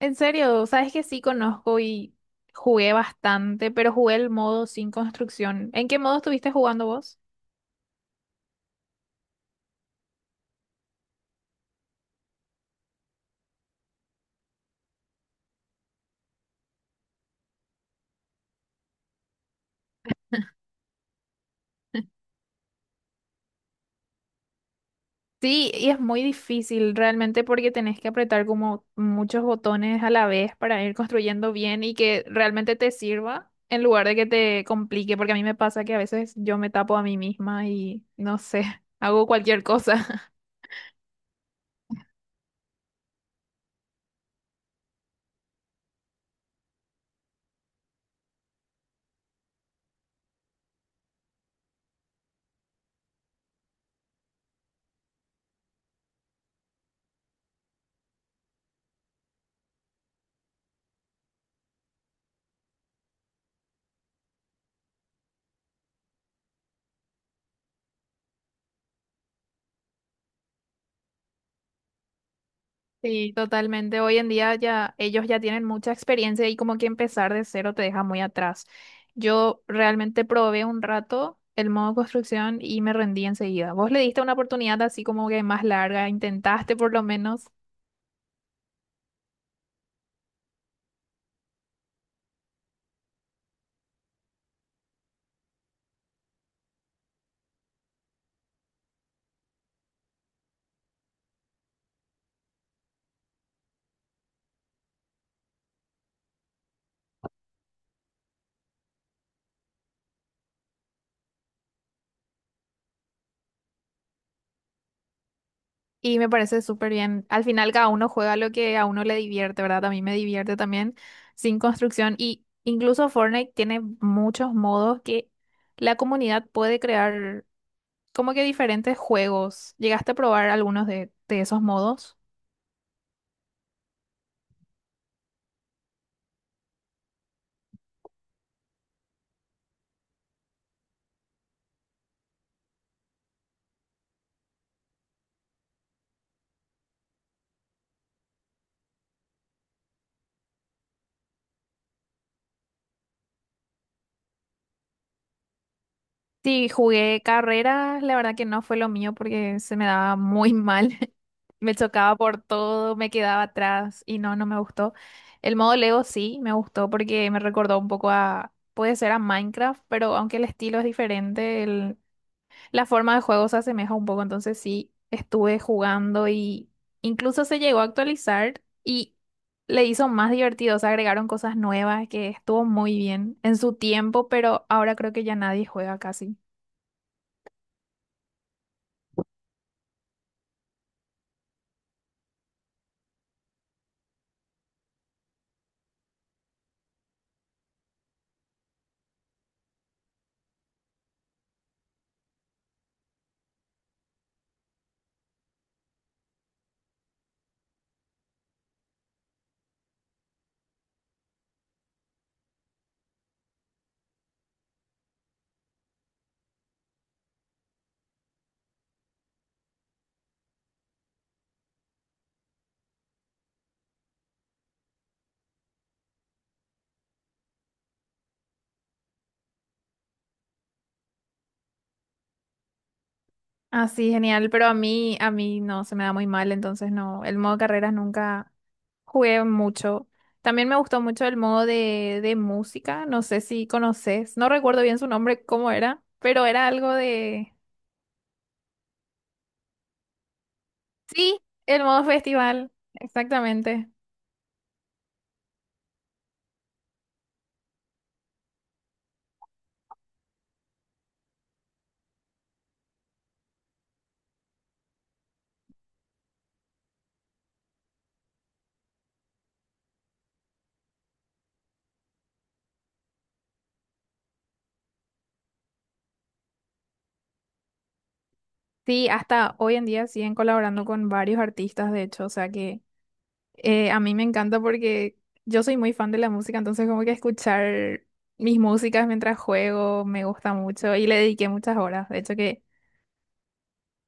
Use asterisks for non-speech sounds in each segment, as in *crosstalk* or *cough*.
En serio, sabes que sí conozco y jugué bastante, pero jugué el modo sin construcción. ¿En qué modo estuviste jugando vos? *laughs* Sí, y es muy difícil realmente porque tenés que apretar como muchos botones a la vez para ir construyendo bien y que realmente te sirva en lugar de que te complique, porque a mí me pasa que a veces yo me tapo a mí misma y no sé, *laughs* hago cualquier cosa. Sí, totalmente. Hoy en día ya ellos ya tienen mucha experiencia y como que empezar de cero te deja muy atrás. Yo realmente probé un rato el modo construcción y me rendí enseguida. Vos le diste una oportunidad así como que más larga, intentaste por lo menos y me parece súper bien. Al final cada uno juega lo que a uno le divierte, ¿verdad? A mí me divierte también sin construcción y incluso Fortnite tiene muchos modos que la comunidad puede crear como que diferentes juegos. ¿Llegaste a probar algunos de esos modos? Sí, jugué carreras, la verdad que no fue lo mío porque se me daba muy mal. *laughs* Me chocaba por todo, me quedaba atrás y no, no me gustó. El modo Lego sí me gustó porque me recordó un poco a, puede ser a Minecraft, pero aunque el estilo es diferente, el, la forma de juego se asemeja un poco, entonces sí, estuve jugando y incluso se llegó a actualizar y le hizo más divertido, se agregaron cosas nuevas que estuvo muy bien en su tiempo, pero ahora creo que ya nadie juega casi. Así, genial, pero a mí no, se me da muy mal, entonces no, el modo carreras nunca jugué mucho. También me gustó mucho el modo de música, no sé si conoces, no recuerdo bien su nombre, cómo era, pero era algo de... Sí, el modo festival, exactamente. Sí, hasta hoy en día siguen colaborando con varios artistas, de hecho, o sea que a mí me encanta porque yo soy muy fan de la música, entonces como que escuchar mis músicas mientras juego me gusta mucho y le dediqué muchas horas, de hecho que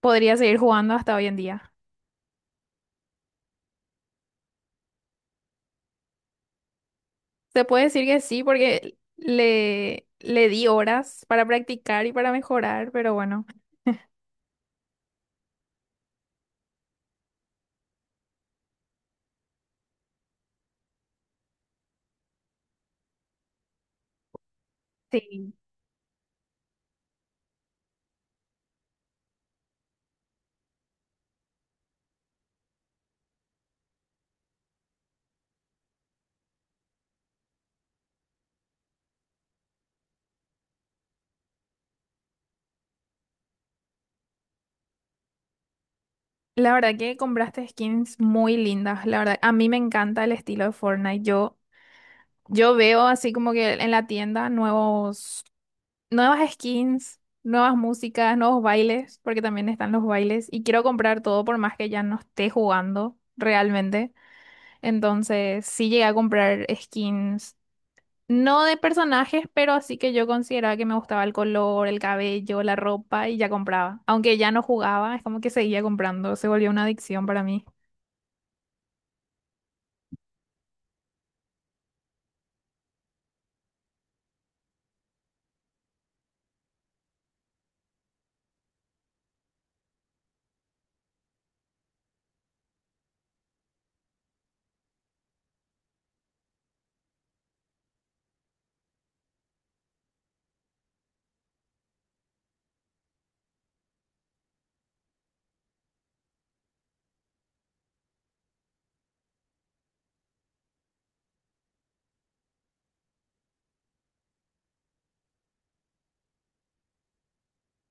podría seguir jugando hasta hoy en día. Se puede decir que sí porque le di horas para practicar y para mejorar, pero bueno. Sí. La verdad que compraste skins muy lindas. La verdad, a mí me encanta el estilo de Fortnite. Yo veo así como que en la tienda nuevos, nuevas skins, nuevas músicas, nuevos bailes, porque también están los bailes. Y quiero comprar todo por más que ya no esté jugando realmente. Entonces, sí llegué a comprar skins, no de personajes, pero así que yo consideraba que me gustaba el color, el cabello, la ropa y ya compraba. Aunque ya no jugaba, es como que seguía comprando. Se volvió una adicción para mí.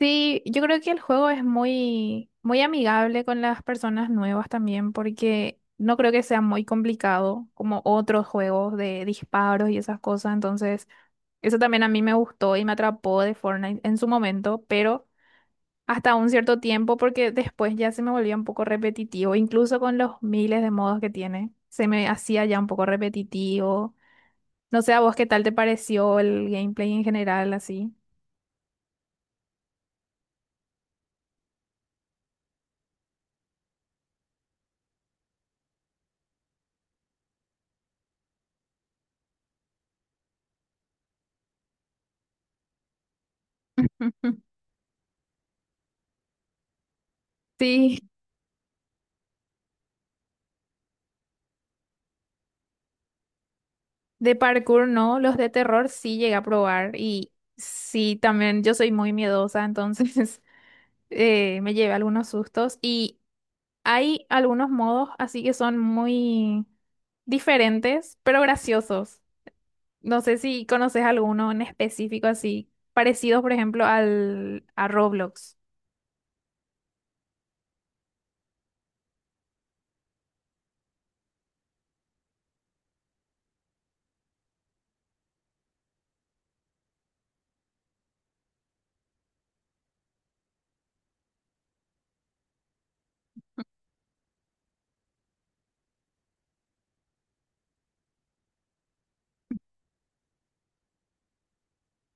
Sí, yo creo que el juego es muy, muy amigable con las personas nuevas también, porque no creo que sea muy complicado como otros juegos de disparos y esas cosas. Entonces, eso también a mí me gustó y me atrapó de Fortnite en su momento, pero hasta un cierto tiempo, porque después ya se me volvía un poco repetitivo, incluso con los miles de modos que tiene, se me hacía ya un poco repetitivo. No sé a vos qué tal te pareció el gameplay en general, así. *laughs* Sí. De parkour no, los de terror sí llegué a probar y sí, también yo soy muy miedosa, entonces *laughs* me llevé algunos sustos y hay algunos modos así que son muy diferentes, pero graciosos. No sé si conoces alguno en específico así, parecido por ejemplo al a Roblox.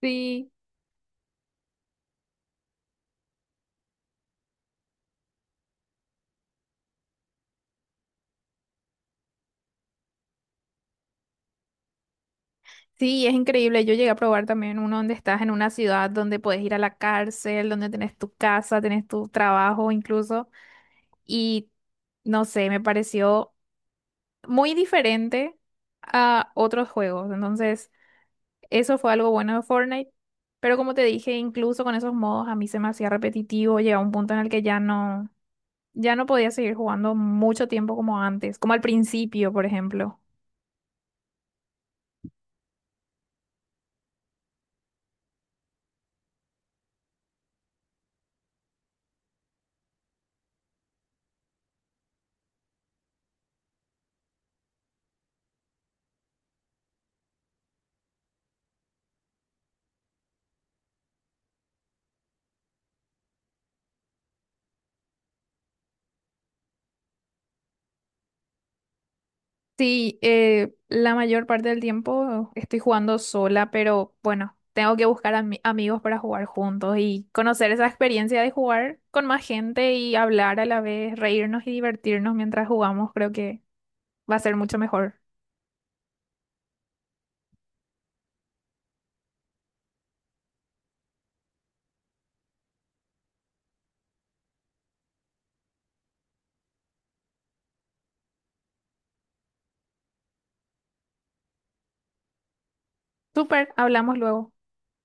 Sí, sí, es increíble. Yo llegué a probar también uno donde estás en una ciudad donde puedes ir a la cárcel, donde tenés tu casa, tenés tu trabajo incluso. Y no sé, me pareció muy diferente a otros juegos. Entonces, eso fue algo bueno de Fortnite. Pero como te dije, incluso con esos modos a mí se me hacía repetitivo, llegaba un punto en el que ya no, ya no podía seguir jugando mucho tiempo como antes, como al principio, por ejemplo. Sí, la mayor parte del tiempo estoy jugando sola, pero bueno, tengo que buscar amigos para jugar juntos y conocer esa experiencia de jugar con más gente y hablar a la vez, reírnos y divertirnos mientras jugamos, creo que va a ser mucho mejor. Súper, hablamos luego.